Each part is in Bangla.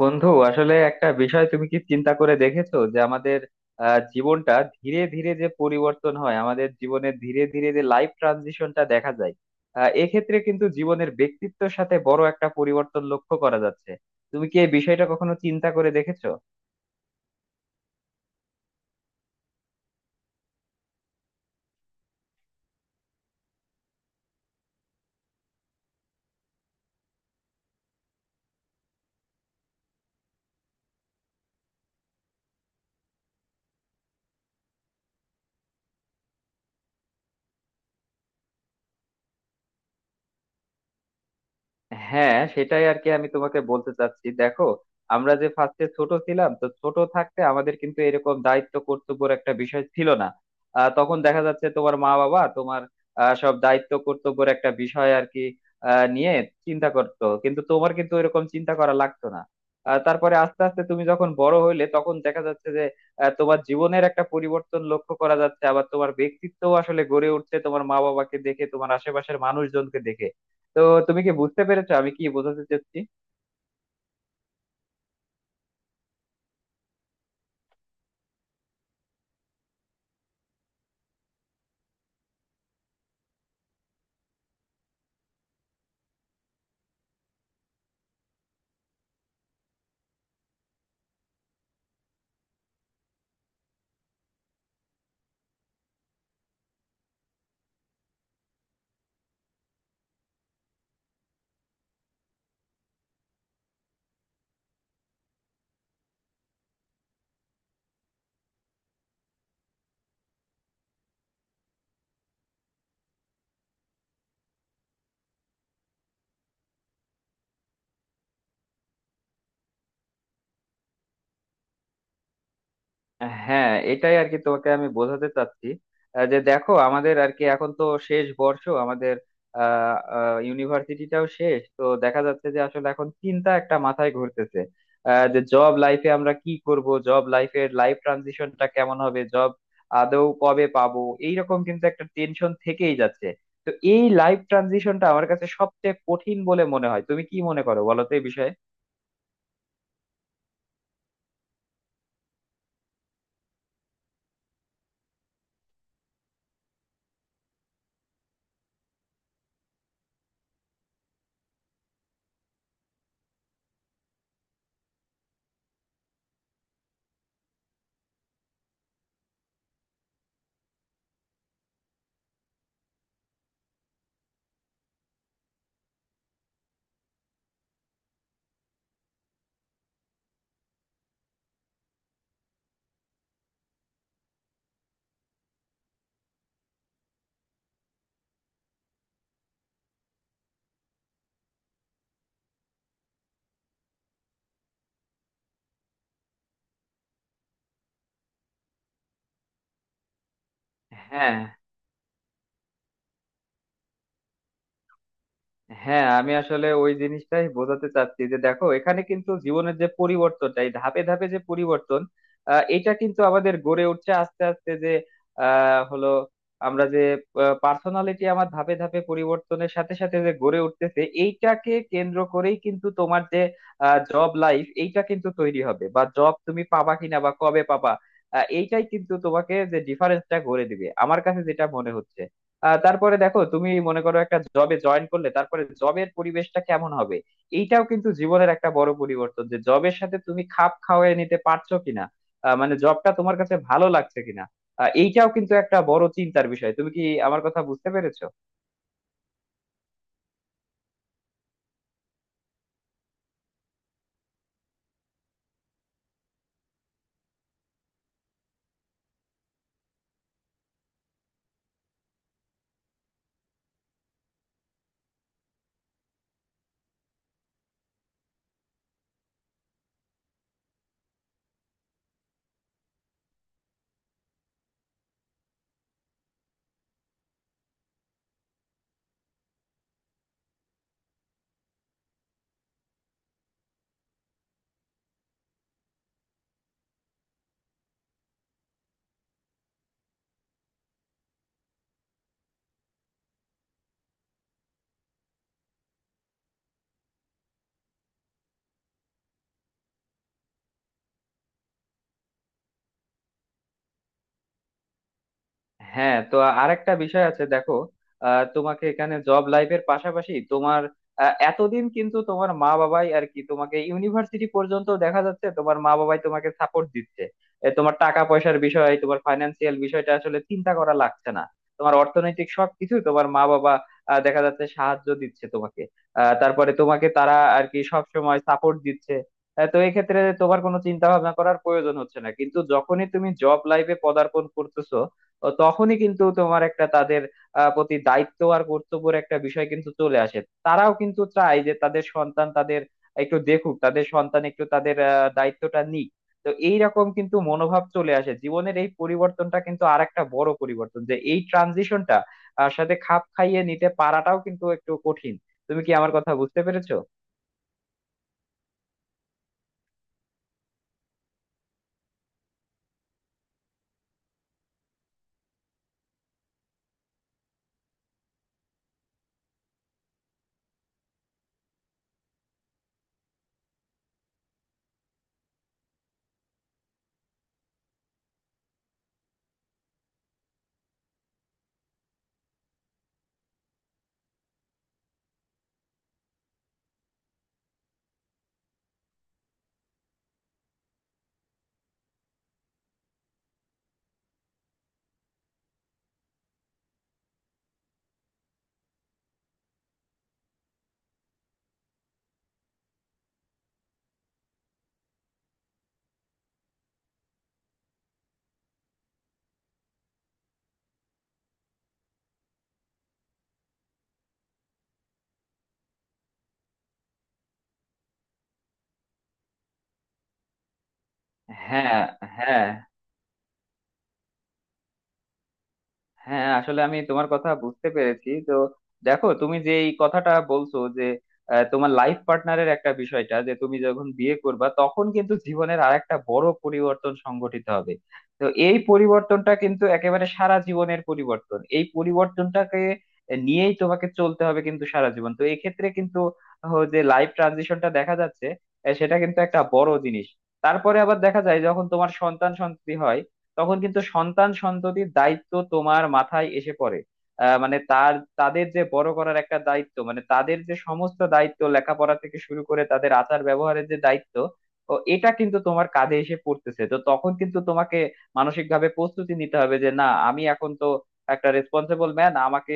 বন্ধু আসলে একটা বিষয় তুমি কি চিন্তা করে দেখেছো যে আমাদের জীবনটা ধীরে ধীরে যে পরিবর্তন হয় আমাদের জীবনে ধীরে ধীরে যে লাইফ ট্রানজিশনটা দেখা যায়। এক্ষেত্রে কিন্তু জীবনের ব্যক্তিত্বের সাথে বড় একটা পরিবর্তন লক্ষ্য করা যাচ্ছে। তুমি কি এই বিষয়টা কখনো চিন্তা করে দেখেছো? হ্যাঁ, সেটাই আর কি। আমি তোমাকে বলতে চাচ্ছি, দেখো, আমরা যে ফার্স্টে ছোট ছিলাম, তো ছোট থাকতে আমাদের কিন্তু এরকম দায়িত্ব কর্তব্যের একটা বিষয় ছিল না। তখন দেখা যাচ্ছে তোমার মা বাবা তোমার সব দায়িত্ব কর্তব্যের একটা বিষয় আর কি নিয়ে চিন্তা করতো, কিন্তু তোমার কিন্তু এরকম চিন্তা করা লাগতো না। তারপরে আস্তে আস্তে তুমি যখন বড় হইলে তখন দেখা যাচ্ছে যে তোমার জীবনের একটা পরিবর্তন লক্ষ্য করা যাচ্ছে, আবার তোমার ব্যক্তিত্বও আসলে গড়ে উঠছে তোমার মা বাবাকে দেখে, তোমার আশেপাশের মানুষজনকে দেখে। তো তুমি কি বুঝতে পেরেছো আমি কি বোঝাতে চাচ্ছি? হ্যাঁ, এটাই আর কি তোমাকে আমি বোঝাতে চাচ্ছি। যে দেখো আমাদের আর কি এখন তো শেষ বর্ষ আমাদের, ইউনিভার্সিটিটাও শেষ, তো দেখা যাচ্ছে যে আসলে এখন চিন্তা একটা মাথায় ঘুরতেছে যে জব লাইফে আমরা কি করব, জব লাইফের লাইফ ট্রানজিশনটা কেমন হবে, জব আদৌ কবে পাবো। এইরকম কিন্তু একটা টেনশন থেকেই যাচ্ছে। তো এই লাইফ ট্রানজিশনটা আমার কাছে সবচেয়ে কঠিন বলে মনে হয়। তুমি কি মনে করো, বলো তো এই বিষয়ে? হ্যাঁ। হ্যাঁ, আমি আসলে ওই জিনিসটাই বোঝাতে চাচ্ছি যে দেখো এখানে কিন্তু জীবনের যে পরিবর্তনটা, এই ধাপে ধাপে যে পরিবর্তন, এটা কিন্তু আমাদের গড়ে উঠছে আস্তে আস্তে। যে হলো আমরা যে পার্সোনালিটি আমার ধাপে ধাপে পরিবর্তনের সাথে সাথে যে গড়ে উঠতেছে, এইটাকে কেন্দ্র করেই কিন্তু তোমার যে জব লাইফ, এইটা কিন্তু তৈরি হবে, বা জব তুমি পাবা কিনা বা কবে পাবা, এইটাই কিন্তু তোমাকে যে ডিফারেন্সটা গড়ে দিবে, আমার কাছে যেটা মনে হচ্ছে। তারপরে দেখো তুমি মনে করো একটা জবে জয়েন করলে, তারপরে জবের পরিবেশটা কেমন হবে, এইটাও কিন্তু জীবনের একটা বড় পরিবর্তন যে জবের সাথে তুমি খাপ খাওয়ায় নিতে পারছো কিনা, মানে জবটা তোমার কাছে ভালো লাগছে কিনা, এইটাও কিন্তু একটা বড় চিন্তার বিষয়। তুমি কি আমার কথা বুঝতে পেরেছো? হ্যাঁ। তো আরেকটা বিষয় আছে, দেখো তোমাকে এখানে জব লাইফের পাশাপাশি তোমার এতদিন কিন্তু তোমার মা বাবাই আর কি তোমাকে ইউনিভার্সিটি পর্যন্ত, দেখা যাচ্ছে তোমার মা বাবাই তোমাকে সাপোর্ট দিচ্ছে। এ, তোমার টাকা পয়সার বিষয়, তোমার ফাইন্যান্সিয়াল বিষয়টা আসলে চিন্তা করা লাগছে না। তোমার অর্থনৈতিক সবকিছু তোমার মা বাবা দেখা যাচ্ছে সাহায্য দিচ্ছে তোমাকে। তারপরে তোমাকে তারা আর কি সব সময় সাপোর্ট দিচ্ছে। তো এক্ষেত্রে তোমার কোনো চিন্তা ভাবনা করার প্রয়োজন হচ্ছে না, কিন্তু যখনই তুমি জব লাইফে পদার্পণ করতেছো ও তখনই কিন্তু তোমার একটা তাদের প্রতি দায়িত্ব আর কর্তব্যের একটা বিষয় কিন্তু চলে আসে। তারাও কিন্তু চায় যে তাদের সন্তান তাদের একটু দেখুক, তাদের সন্তান একটু তাদের দায়িত্বটা নিক। তো এইরকম কিন্তু মনোভাব চলে আসে। জীবনের এই পরিবর্তনটা কিন্তু আর একটা বড় পরিবর্তন, যে এই ট্রানজিশনটা সাথে খাপ খাইয়ে নিতে পারাটাও কিন্তু একটু কঠিন। তুমি কি আমার কথা বুঝতে পেরেছো? হ্যাঁ। হ্যাঁ। হ্যাঁ, আসলে আমি তোমার কথা বুঝতে পেরেছি। তো দেখো তুমি যে এই কথাটা বলছো যে তোমার লাইফ পার্টনারের একটা বিষয়টা, যে তুমি যখন বিয়ে করবা তখন কিন্তু জীবনের আরেকটা বড় পরিবর্তন সংঘটিত হবে। তো এই পরিবর্তনটা কিন্তু একেবারে সারা জীবনের পরিবর্তন, এই পরিবর্তনটাকে নিয়েই তোমাকে চলতে হবে কিন্তু সারা জীবন। তো এক্ষেত্রে কিন্তু যে লাইফ ট্রানজিশনটা দেখা যাচ্ছে, সেটা কিন্তু একটা বড় জিনিস। তারপরে আবার দেখা যায় যখন তোমার সন্তান সন্ততি হয়, তখন কিন্তু সন্তান সন্ততির দায়িত্ব তোমার মাথায় এসে পড়ে। আহ, মানে তার তাদের যে বড় করার একটা দায়িত্ব, মানে তাদের যে সমস্ত দায়িত্ব, লেখাপড়া থেকে শুরু করে তাদের আচার ব্যবহারের যে দায়িত্ব, ও এটা কিন্তু তোমার কাঁধে এসে পড়তেছে। তো তখন কিন্তু তোমাকে মানসিক ভাবে প্রস্তুতি নিতে হবে যে না, আমি এখন তো একটা রেসপন্সিবল ম্যান, আমাকে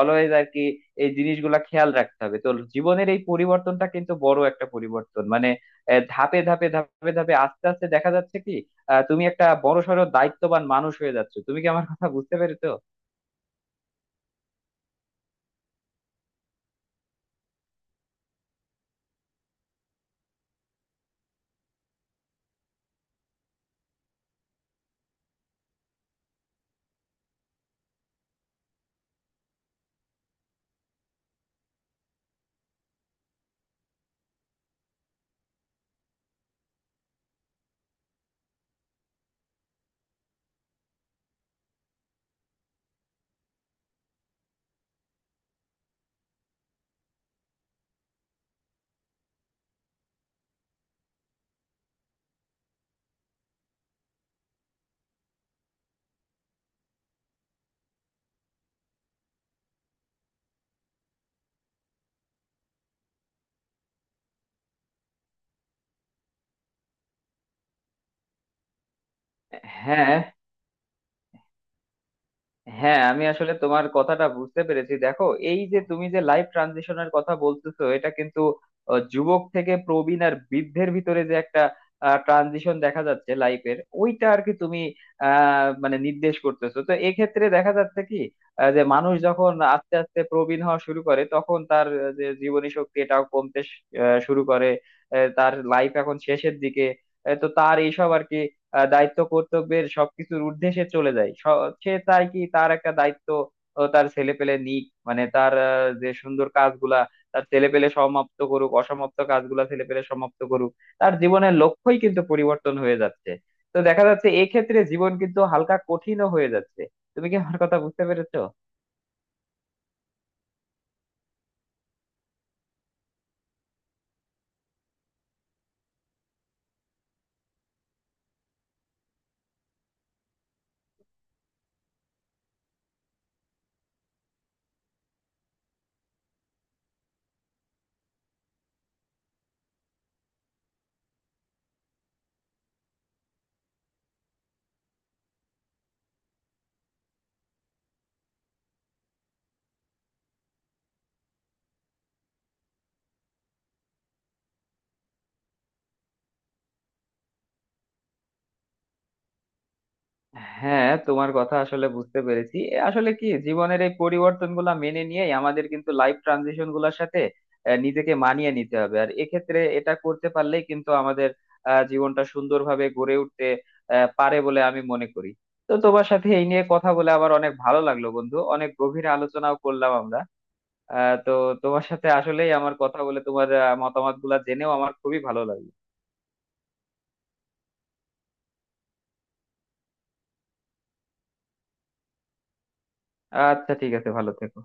অলওয়েজ আর কি এই জিনিসগুলা খেয়াল রাখতে হবে। তো জীবনের এই পরিবর্তনটা কিন্তু বড় একটা পরিবর্তন, মানে ধাপে ধাপে ধাপে ধাপে আস্তে আস্তে দেখা যাচ্ছে কি তুমি একটা বড়সড় দায়িত্ববান মানুষ হয়ে যাচ্ছ। তুমি কি আমার কথা বুঝতে পেরেছো? হ্যাঁ। হ্যাঁ, আমি আসলে তোমার কথাটা বুঝতে পেরেছি। দেখো এই যে তুমি যে লাইফ ট্রানজিশনের কথা বলতেছো, এটা কিন্তু যুবক থেকে প্রবীণ আর বৃদ্ধের ভিতরে যে একটা ট্রানজিশন দেখা যাচ্ছে লাইফের, ওইটা আর কি তুমি মানে নির্দেশ করতেছো। তো এক্ষেত্রে দেখা যাচ্ছে কি যে মানুষ যখন আস্তে আস্তে প্রবীণ হওয়া শুরু করে, তখন তার যে জীবনী শক্তি, এটাও কমতে শুরু করে। তার লাইফ এখন শেষের দিকে। তো তার এইসব আর কি দায়িত্ব কর্তব্যের সবকিছুর ঊর্ধ্বে সে চলে যায়। সে চায় কি তার একটা দায়িত্ব ও তার ছেলে পেলে নিক, মানে তার যে সুন্দর কাজগুলা তার ছেলে পেলে সমাপ্ত করুক, অসমাপ্ত কাজগুলা ছেলে পেলে সমাপ্ত করুক। তার জীবনের লক্ষ্যই কিন্তু পরিবর্তন হয়ে যাচ্ছে। তো দেখা যাচ্ছে এক্ষেত্রে জীবন কিন্তু হালকা কঠিনও হয়ে যাচ্ছে। তুমি কি আমার কথা বুঝতে পেরেছো? হ্যাঁ, তোমার কথা আসলে বুঝতে পেরেছি। এ আসলে কি জীবনের এই পরিবর্তন গুলা মেনে নিয়েই আমাদের কিন্তু লাইফ ট্রানজিশন গুলার সাথে নিজেকে মানিয়ে নিতে হবে। আর এক্ষেত্রে এটা করতে পারলেই কিন্তু আমাদের জীবনটা সুন্দরভাবে গড়ে উঠতে পারে বলে আমি মনে করি। তো তোমার সাথে এই নিয়ে কথা বলে আবার অনেক ভালো লাগলো বন্ধু, অনেক গভীর আলোচনাও করলাম আমরা। তো তোমার সাথে আসলেই আমার কথা বলে, তোমার মতামত গুলা জেনেও আমার খুবই ভালো লাগলো। আচ্ছা, ঠিক আছে, ভালো থেকো।